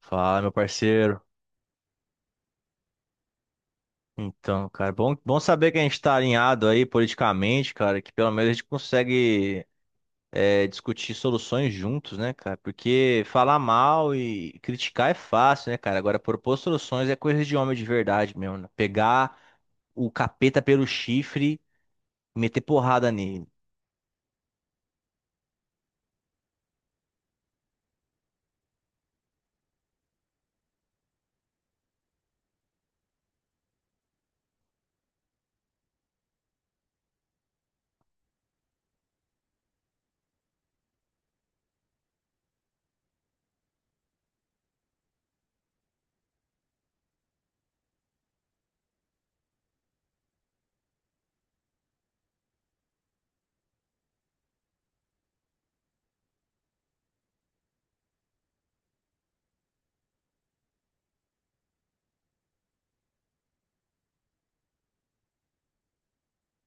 Fala, meu parceiro. Então, cara, bom saber que a gente tá alinhado aí politicamente, cara, que pelo menos a gente consegue discutir soluções juntos, né, cara? Porque falar mal e criticar é fácil, né, cara? Agora, propor soluções é coisa de homem de verdade mesmo, né? Pegar o capeta pelo chifre e meter porrada nele.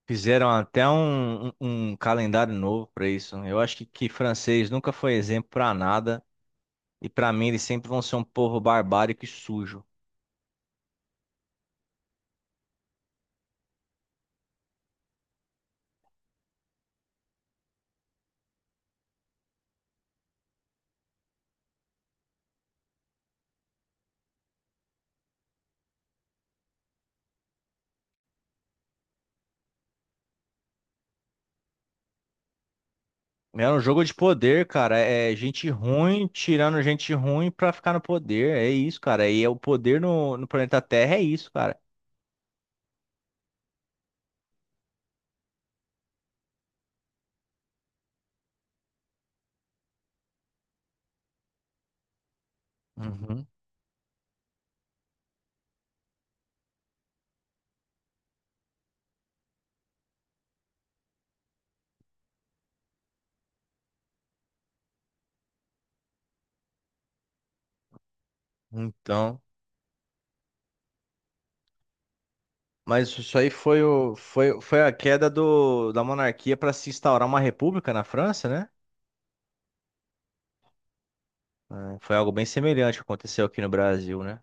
Fizeram até um calendário novo pra isso, né? Eu acho que francês nunca foi exemplo pra nada. E pra mim, eles sempre vão ser um povo barbárico e sujo. É um jogo de poder, cara. É gente ruim tirando gente ruim pra ficar no poder. É isso, cara. E é o poder no planeta Terra, é isso, cara. Uhum. Então, mas isso aí foi a queda da monarquia para se instaurar uma república na França, né? É, foi algo bem semelhante que aconteceu aqui no Brasil, né?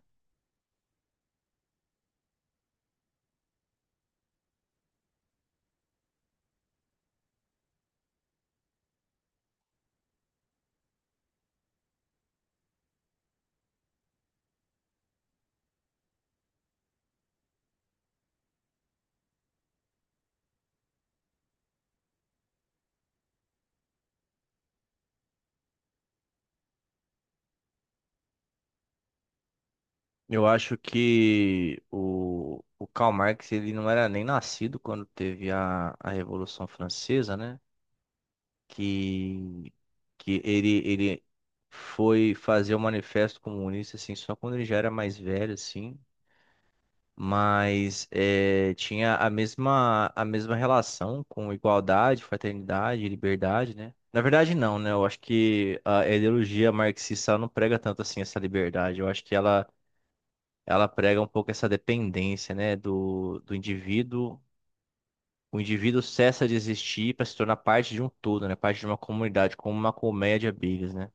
Eu acho que o Karl Marx ele não era nem nascido quando teve a Revolução Francesa, né? que, Ele foi fazer o manifesto comunista assim só quando ele já era mais velho assim, mas tinha a mesma relação com igualdade, fraternidade e liberdade, né? Na verdade não, né? Eu acho que a ideologia marxista ela não prega tanto assim essa liberdade. Eu acho que ela prega um pouco essa dependência, né, do indivíduo. O indivíduo cessa de existir para se tornar parte de um todo, né? Parte de uma comunidade, como uma colmeia de abelhas, né?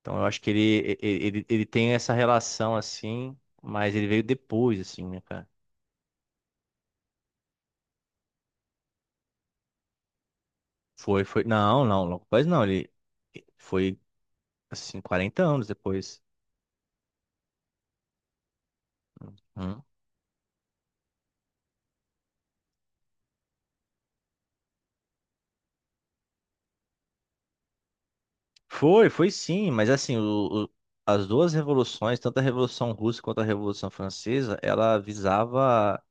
Então eu acho que ele tem essa relação assim, mas ele veio depois, assim, né, cara? Foi, foi. Não, não, logo depois não. Ele foi, assim, 40 anos depois. Hum. Foi, foi sim, mas assim, as duas revoluções, tanto a Revolução Russa quanto a Revolução Francesa, ela visava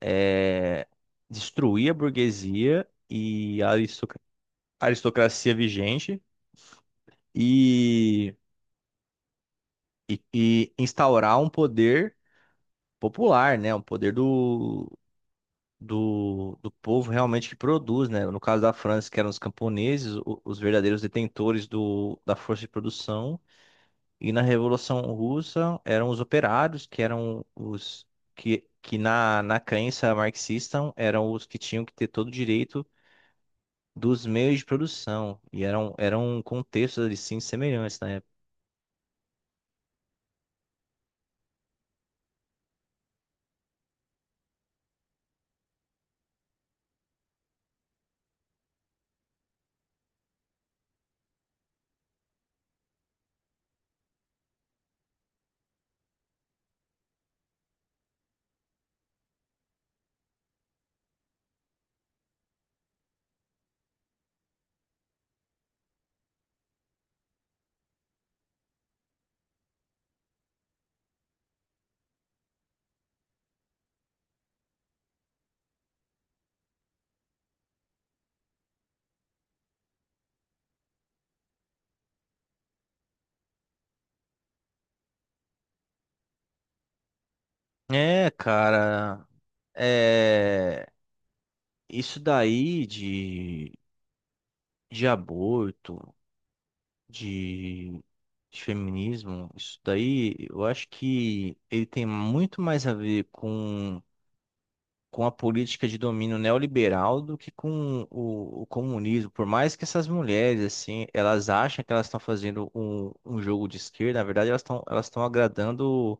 eh, destruir a burguesia e a aristocracia vigente e, e instaurar um poder popular, né? Um poder do povo realmente que produz, né? No caso da França, que eram os camponeses, os verdadeiros detentores da força de produção. E na Revolução Russa eram os operários, que eram que na crença marxista eram os que tinham que ter todo o direito dos meios de produção. E eram contextos, assim, semelhantes, né? É, cara, é isso daí de aborto, de, de feminismo. Isso daí eu acho que ele tem muito mais a ver com a política de domínio neoliberal do que com o comunismo. Por mais que essas mulheres, assim, elas acham que elas estão fazendo um jogo de esquerda, na verdade elas estão agradando.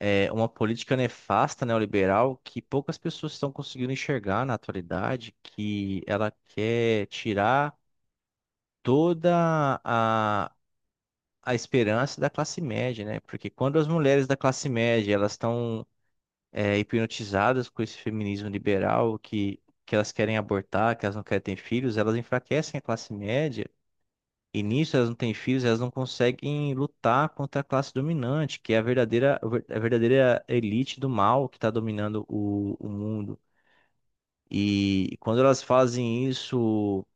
É, uma política nefasta neoliberal que poucas pessoas estão conseguindo enxergar na atualidade, que ela quer tirar toda a, a esperança da classe média, né? Porque quando as mulheres da classe média elas estão hipnotizadas com esse feminismo liberal que elas querem abortar, que elas não querem ter filhos, elas enfraquecem a classe média e nisso elas não têm filhos, elas não conseguem lutar contra a classe dominante, que é a verdadeira elite do mal que está dominando o mundo. E quando elas fazem isso,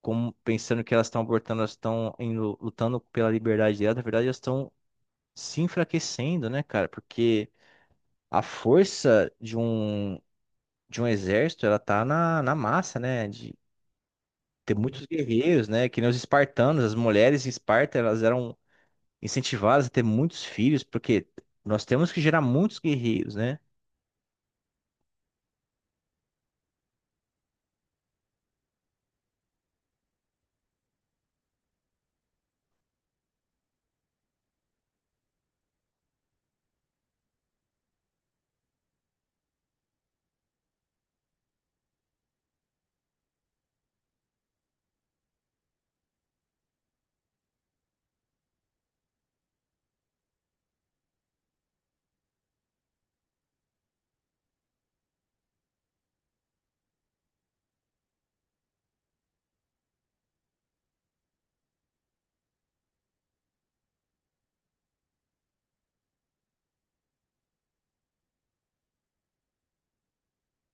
como pensando que elas estão abortando, elas lutando pela liberdade delas, na verdade elas estão se enfraquecendo, né, cara? Porque a força de um exército, ela tá na massa, né? De ter muitos guerreiros, né? Que nem os espartanos, as mulheres em Esparta, elas eram incentivadas a ter muitos filhos, porque nós temos que gerar muitos guerreiros, né?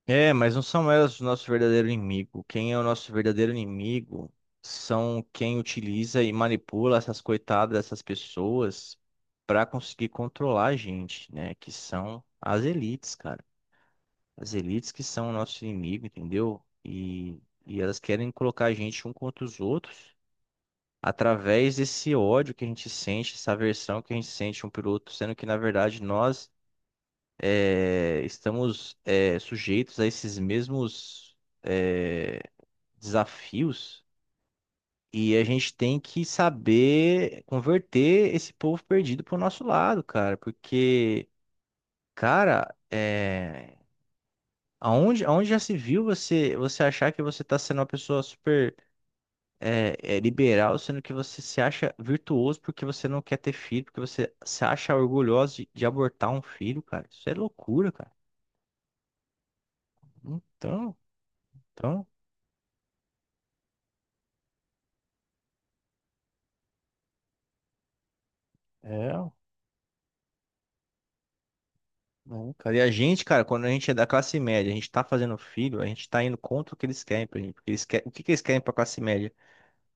É, mas não são elas o nosso verdadeiro inimigo. Quem é o nosso verdadeiro inimigo são quem utiliza e manipula essas coitadas, dessas pessoas, para conseguir controlar a gente, né? Que são as elites, cara. As elites que são o nosso inimigo, entendeu? E elas querem colocar a gente um contra os outros através desse ódio que a gente sente, essa aversão que a gente sente um pelo outro, sendo que, na verdade, nós estamos sujeitos a esses mesmos é, desafios, e a gente tem que saber converter esse povo perdido para o nosso lado, cara, porque, cara, é, aonde já se viu você, você achar que você está sendo uma pessoa super liberal, sendo que você se acha virtuoso porque você não quer ter filho, porque você se acha orgulhoso de abortar um filho, cara. Isso é loucura, cara. Então, então, é. Não, cara. E a gente, cara, quando a gente é da classe média, a gente tá fazendo filho, a gente tá indo contra o que eles querem pra gente. Porque eles querem... O que que eles querem pra classe média?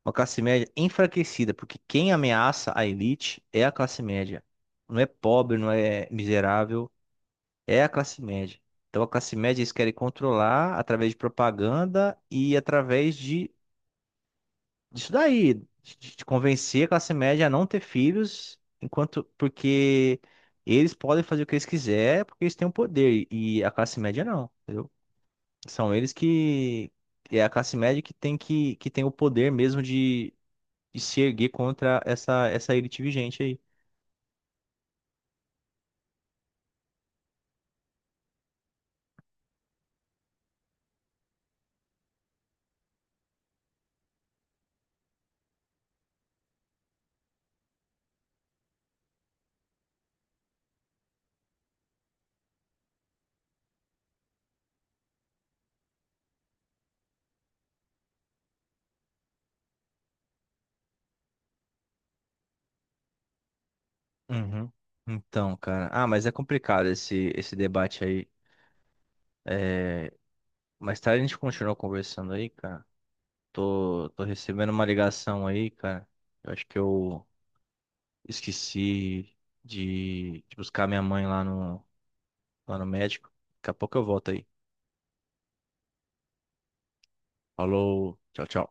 Uma classe média enfraquecida, porque quem ameaça a elite é a classe média. Não é pobre, não é miserável, é a classe média. Então a classe média eles querem controlar através de propaganda e através de disso daí, de convencer a classe média a não ter filhos, enquanto porque eles podem fazer o que eles quiserem, porque eles têm o poder e a classe média não, entendeu? São eles que É a classe média que que tem o poder mesmo de se erguer contra essa elite vigente aí. Uhum. Então, cara, ah, mas é complicado esse debate aí. É... Mais tarde a gente continua conversando aí, cara. Tô recebendo uma ligação aí, cara. Eu acho que eu Esqueci de buscar minha mãe lá no médico. Daqui a pouco eu volto aí. Falou, tchau, tchau.